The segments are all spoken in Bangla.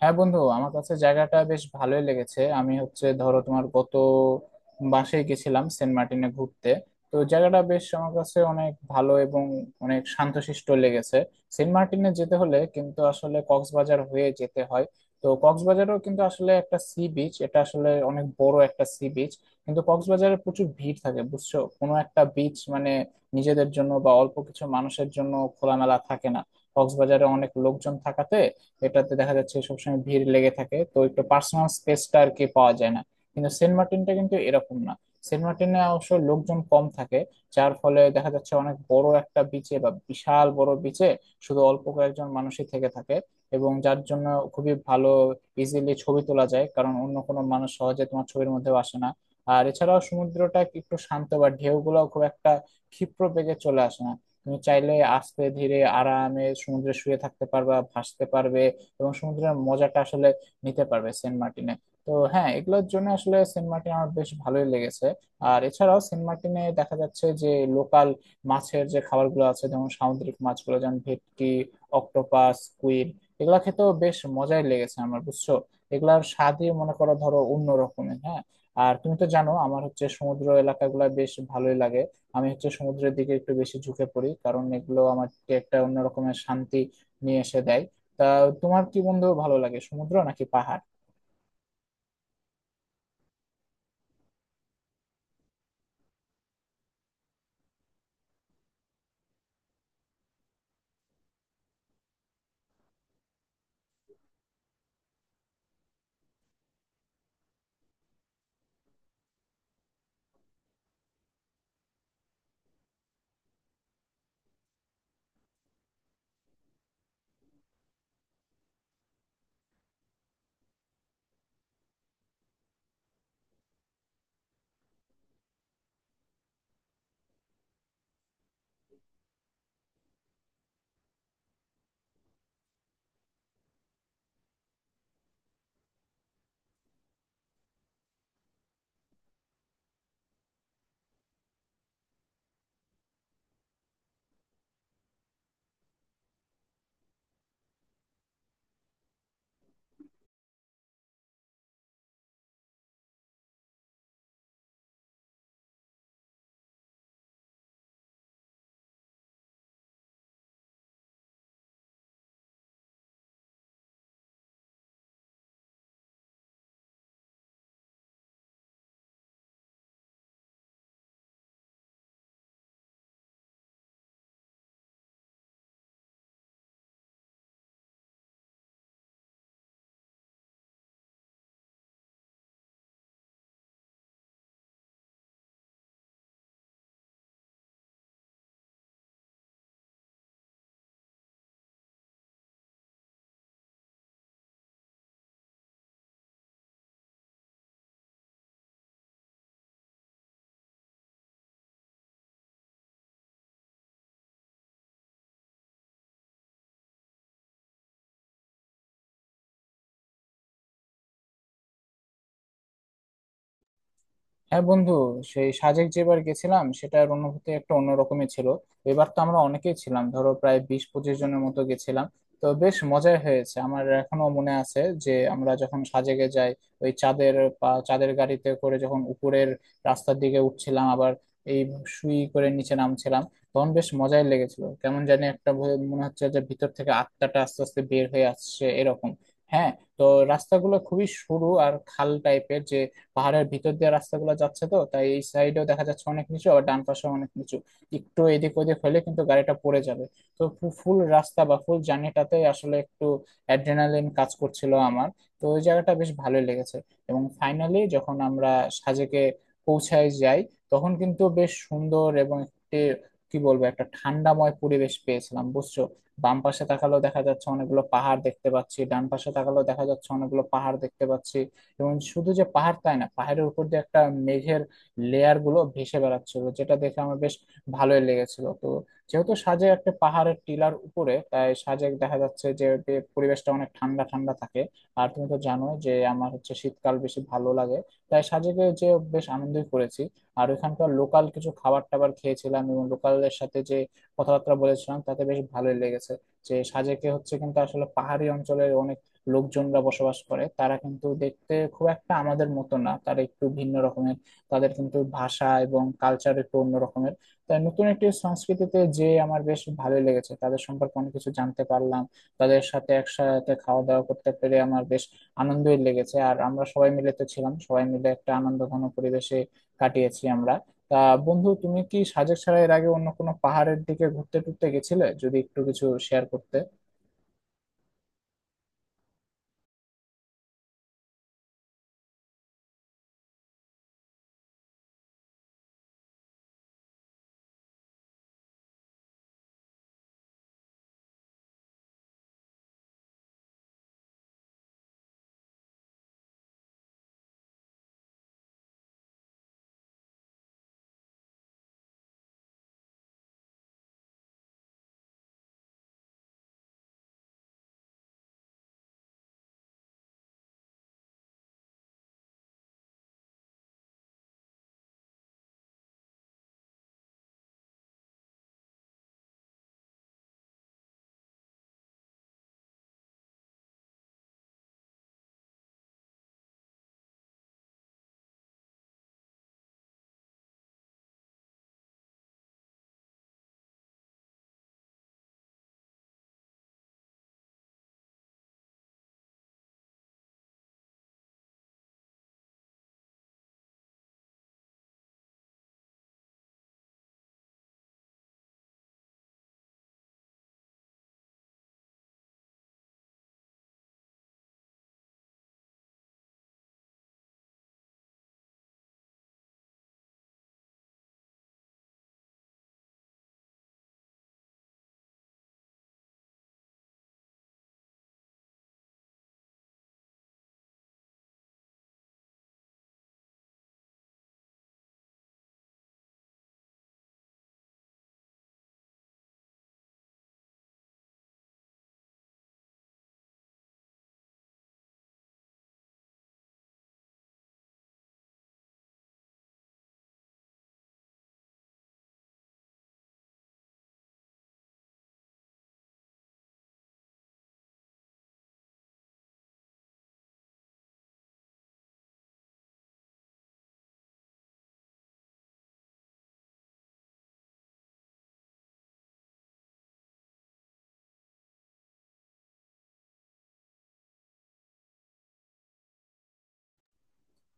হ্যাঁ বন্ধু, আমার কাছে জায়গাটা বেশ ভালোই লেগেছে। আমি হচ্ছে ধরো তোমার গত মাসেই গেছিলাম সেন্ট মার্টিনে ঘুরতে। তো জায়গাটা বেশ আমার কাছে অনেক ভালো এবং অনেক শান্তশিষ্ট লেগেছে। সেন্ট মার্টিনে যেতে হলে কিন্তু আসলে কক্সবাজার হয়ে যেতে হয়। তো কক্সবাজারও কিন্তু আসলে একটা সি বিচ, এটা আসলে অনেক বড় একটা সি বিচ, কিন্তু কক্সবাজারে প্রচুর ভিড় থাকে, বুঝছো। কোনো একটা বিচ মানে নিজেদের জন্য বা অল্প কিছু মানুষের জন্য খোলামেলা থাকে না। কক্সবাজারে অনেক লোকজন থাকাতে এটাতে দেখা যাচ্ছে সবসময় ভিড় লেগে থাকে, তো একটু পার্সোনাল স্পেসটা আর কি পাওয়া যায় না। কিন্তু সেন্ট মার্টিনটা কিন্তু এরকম না। সেন্ট মার্টিনে অবশ্য লোকজন কম থাকে, যার ফলে দেখা যাচ্ছে অনেক বড় একটা বিচে বা বিশাল বড় বিচে শুধু অল্প কয়েকজন মানুষই থেকে থাকে। এবং যার জন্য খুবই ভালো, ইজিলি ছবি তোলা যায়, কারণ অন্য কোনো মানুষ সহজে তোমার ছবির মধ্যেও আসে না। আর এছাড়াও সমুদ্রটা একটু শান্ত বা ঢেউগুলো খুব একটা ক্ষিপ্র বেগে চলে আসে না। তুমি চাইলে আস্তে ধীরে আরামে সমুদ্রে শুয়ে থাকতে পারবা, ভাসতে পারবে, এবং সমুদ্রের মজাটা আসলে নিতে পারবে সেন্ট মার্টিনে। তো হ্যাঁ, এগুলোর জন্য আসলে সেন্ট মার্টিন আমার বেশ ভালোই লেগেছে। আর এছাড়াও সেন্ট মার্টিনে দেখা যাচ্ছে যে লোকাল মাছের যে খাবারগুলো আছে, যেমন সামুদ্রিক মাছগুলো যেমন ভেটকি, অক্টোপাস, কুইল, এগুলা খেতেও বেশ মজাই লেগেছে আমার, বুঝছো। এগুলার স্বাদই মনে করো ধরো অন্য রকমের। হ্যাঁ, আর তুমি তো জানো আমার হচ্ছে সমুদ্র এলাকাগুলো বেশ ভালোই লাগে। আমি হচ্ছে সমুদ্রের দিকে একটু বেশি ঝুঁকে পড়ি, কারণ এগুলো আমাকে একটা অন্যরকমের শান্তি নিয়ে এসে দেয়। তা, তোমার কি বন্ধু ভালো লাগে, সমুদ্র নাকি পাহাড়? হ্যাঁ বন্ধু, সেই সাজেক যেবার গেছিলাম সেটার অনুভূতি একটা অন্যরকমই ছিল। এবার তো আমরা অনেকেই ছিলাম, ধরো প্রায় 20-25 জনের মতো গেছিলাম। তো বেশ মজাই হয়েছে, আমার এখনো মনে আছে যে আমরা যখন সাজেকে যাই, ওই চাঁদের চাঁদের গাড়িতে করে যখন উপরের রাস্তার দিকে উঠছিলাম, আবার এই সুই করে নিচে নামছিলাম, তখন বেশ মজাই লেগেছিল। কেমন জানি একটা মনে হচ্ছে যে ভিতর থেকে আত্মাটা আস্তে আস্তে বের হয়ে আসছে এরকম। হ্যাঁ। তো রাস্তাগুলো খুবই সরু আর খাল টাইপের, যে পাহাড়ের ভিতর দিয়ে রাস্তাগুলো যাচ্ছে, তো তাই এই সাইডেও দেখা যাচ্ছে অনেক নিচু, আবার ডান পাশেও অনেক নিচু। একটু এদিক ওদিক হলে কিন্তু গাড়িটা পড়ে যাবে। তো ফুল রাস্তা বা ফুল জার্নিটাতে আসলে একটু অ্যাড্রেনালিন কাজ করছিল আমার। তো ওই জায়গাটা বেশ ভালোই লেগেছে। এবং ফাইনালি যখন আমরা সাজেকে পৌঁছায় যাই, তখন কিন্তু বেশ সুন্দর এবং একটি কি বলবো একটা ঠান্ডাময় পরিবেশ পেয়েছিলাম, বুঝছো। বাম পাশে তাকালেও দেখা যাচ্ছে অনেকগুলো পাহাড় দেখতে পাচ্ছি, ডান পাশে তাকালেও দেখা যাচ্ছে অনেকগুলো পাহাড় দেখতে পাচ্ছি। এবং শুধু যে পাহাড় তাই না, পাহাড়ের উপর দিয়ে একটা মেঘের লেয়ার গুলো ভেসে বেড়াচ্ছিল, যেটা দেখে আমার বেশ ভালোই লেগেছিল। তো যেহেতু সাজেক একটা পাহাড়ের টিলার উপরে, তাই সাজেক দেখা যাচ্ছে যে যে পরিবেশটা অনেক ঠান্ডা ঠান্ডা থাকে। আর তুমি তো জানো যে আমার হচ্ছে শীতকাল বেশি ভালো লাগে, তাই সাজেকে যে বেশ আনন্দই করেছি। আর ওখানকার লোকাল কিছু খাবার টাবার খেয়েছিলাম এবং লোকালদের সাথে যে কথাবার্তা বলেছিলাম, তাতে বেশ ভালোই লেগেছে। যে সাজেকে হচ্ছে কিন্তু আসলে পাহাড়ি অঞ্চলের অনেক লোকজনরা বসবাস করে, তারা কিন্তু দেখতে খুব একটা আমাদের মতো না, তারা একটু ভিন্ন রকমের। তাদের কিন্তু ভাষা এবং কালচার একটু অন্য রকমের। তাই নতুন একটি সংস্কৃতিতে যে আমার বেশ ভালোই লেগেছে, তাদের সম্পর্কে অনেক কিছু জানতে পারলাম। তাদের সাথে একসাথে খাওয়া দাওয়া করতে পেরে আমার বেশ আনন্দই লেগেছে। আর আমরা সবাই মিলে তো ছিলাম, সবাই মিলে একটা আনন্দঘন পরিবেশে কাটিয়েছি আমরা। তা বন্ধু, তুমি কি সাজেক ছাড়া এর আগে অন্য কোনো পাহাড়ের দিকে ঘুরতে টুরতে গেছিলে, যদি একটু কিছু শেয়ার করতে?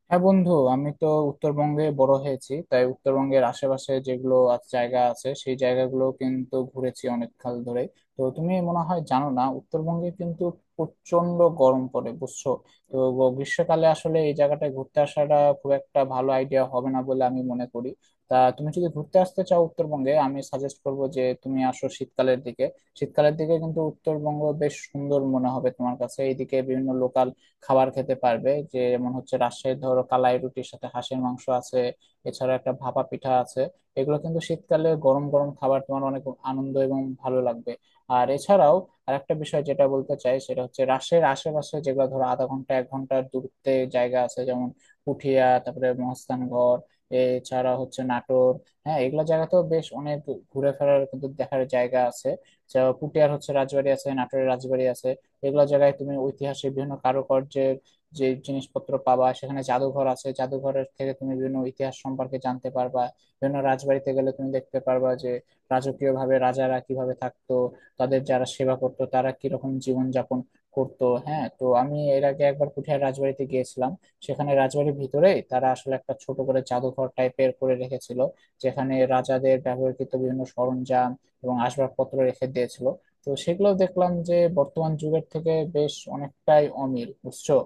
হ্যাঁ বন্ধু, আমি তো উত্তরবঙ্গে বড় হয়েছি, তাই উত্তরবঙ্গের আশেপাশে যেগুলো জায়গা আছে সেই জায়গাগুলো কিন্তু ঘুরেছি অনেক কাল ধরে। তো তুমি মনে হয় জানো না, উত্তরবঙ্গে কিন্তু প্রচন্ড গরম পড়ে, বুঝছো। তো গ্রীষ্মকালে আসলে এই জায়গাটায় ঘুরতে আসাটা খুব একটা ভালো আইডিয়া হবে না বলে আমি মনে করি। তা তুমি যদি ঘুরতে আসতে চাও উত্তরবঙ্গে, আমি সাজেস্ট করবো যে তুমি আসো শীতকালের দিকে। শীতকালের দিকে কিন্তু উত্তরবঙ্গ বেশ সুন্দর মনে হবে তোমার কাছে। এইদিকে বিভিন্ন লোকাল খাবার খেতে পারবে, যে যেমন হচ্ছে রাজশাহীর ধরো কালাই রুটির সাথে হাঁসের মাংস আছে, এছাড়া একটা ভাপা পিঠা আছে। এগুলো কিন্তু শীতকালে গরম গরম খাবার, তোমার অনেক আনন্দ এবং ভালো লাগবে। আর এছাড়াও আরেকটা বিষয় যেটা বলতে চাই, সেটা হচ্ছে রাজশাহীর আশেপাশে যেগুলো ধরো আধা ঘন্টা এক ঘন্টার দূরত্বে জায়গা আছে, যেমন পুঠিয়া, তারপরে মহাস্থানগড়, এছাড়া হচ্ছে নাটোর। হ্যাঁ, এগুলো জায়গাতেও বেশ অনেক ঘুরে ফেরার কিন্তু দেখার জায়গা আছে। যা পুঠিয়ার হচ্ছে রাজবাড়ি আছে, নাটোরের রাজবাড়ি আছে। এগুলো জায়গায় তুমি ঐতিহাসিক বিভিন্ন কারুকার্যের যে জিনিসপত্র পাবা, সেখানে জাদুঘর আছে, জাদুঘরের থেকে তুমি বিভিন্ন ইতিহাস সম্পর্কে জানতে পারবা। বিভিন্ন রাজবাড়িতে গেলে তুমি দেখতে পারবা যে রাজকীয় ভাবে রাজারা কিভাবে থাকতো, তাদের যারা সেবা করতো তারা কিরকম জীবন যাপন করতো। হ্যাঁ, তো আমি এর আগে একবার পুঠিয়া রাজবাড়িতে গিয়েছিলাম, সেখানে রাজবাড়ির ভিতরে তারা আসলে একটা ছোট করে জাদুঘর টাইপের করে রেখেছিল, যেখানে রাজাদের ব্যবহৃত বিভিন্ন সরঞ্জাম এবং আসবাবপত্র রেখে দিয়েছিল। তো সেগুলো দেখলাম যে বর্তমান যুগের থেকে বেশ অনেকটাই অমিল, বুঝছো।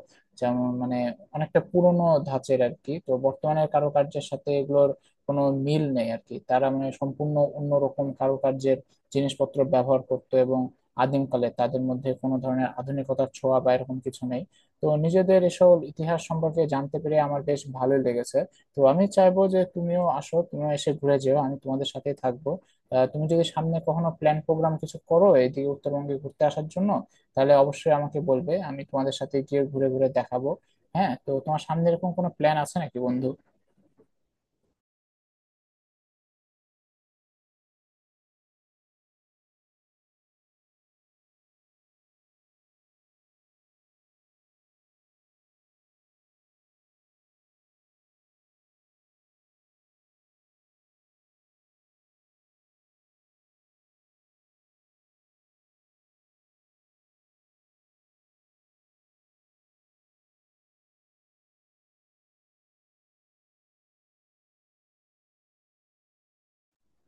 যেমন মানে অনেকটা পুরনো ধাঁচের আর কি, তো বর্তমানের কারুকার্যের সাথে এগুলোর কোনো মিল নেই আর কি, তারা মানে সম্পূর্ণ অন্যরকম কারুকার্যের জিনিসপত্র ব্যবহার করতো এবং আদিমকালে তাদের মধ্যে কোনো ধরনের আধুনিকতার ছোঁয়া বা এরকম কিছু নেই। তো নিজেদের এসব ইতিহাস সম্পর্কে জানতে পেরে আমার বেশ ভালোই লেগেছে। তো আমি চাইবো যে তুমিও আসো, তুমিও এসে ঘুরে যেও, আমি তোমাদের সাথেই থাকবো। তুমি যদি সামনে কখনো প্ল্যান প্রোগ্রাম কিছু করো এইদিকে উত্তরবঙ্গে ঘুরতে আসার জন্য, তাহলে অবশ্যই আমাকে বলবে, আমি তোমাদের সাথে গিয়ে ঘুরে ঘুরে দেখাবো। হ্যাঁ, তো তোমার সামনে এরকম কোনো প্ল্যান আছে নাকি বন্ধু?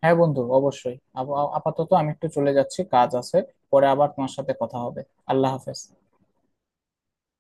হ্যাঁ বন্ধু, অবশ্যই। আপাতত আমি একটু চলে যাচ্ছি, কাজ আছে। পরে আবার তোমার সাথে কথা হবে। আল্লাহ হাফেজ।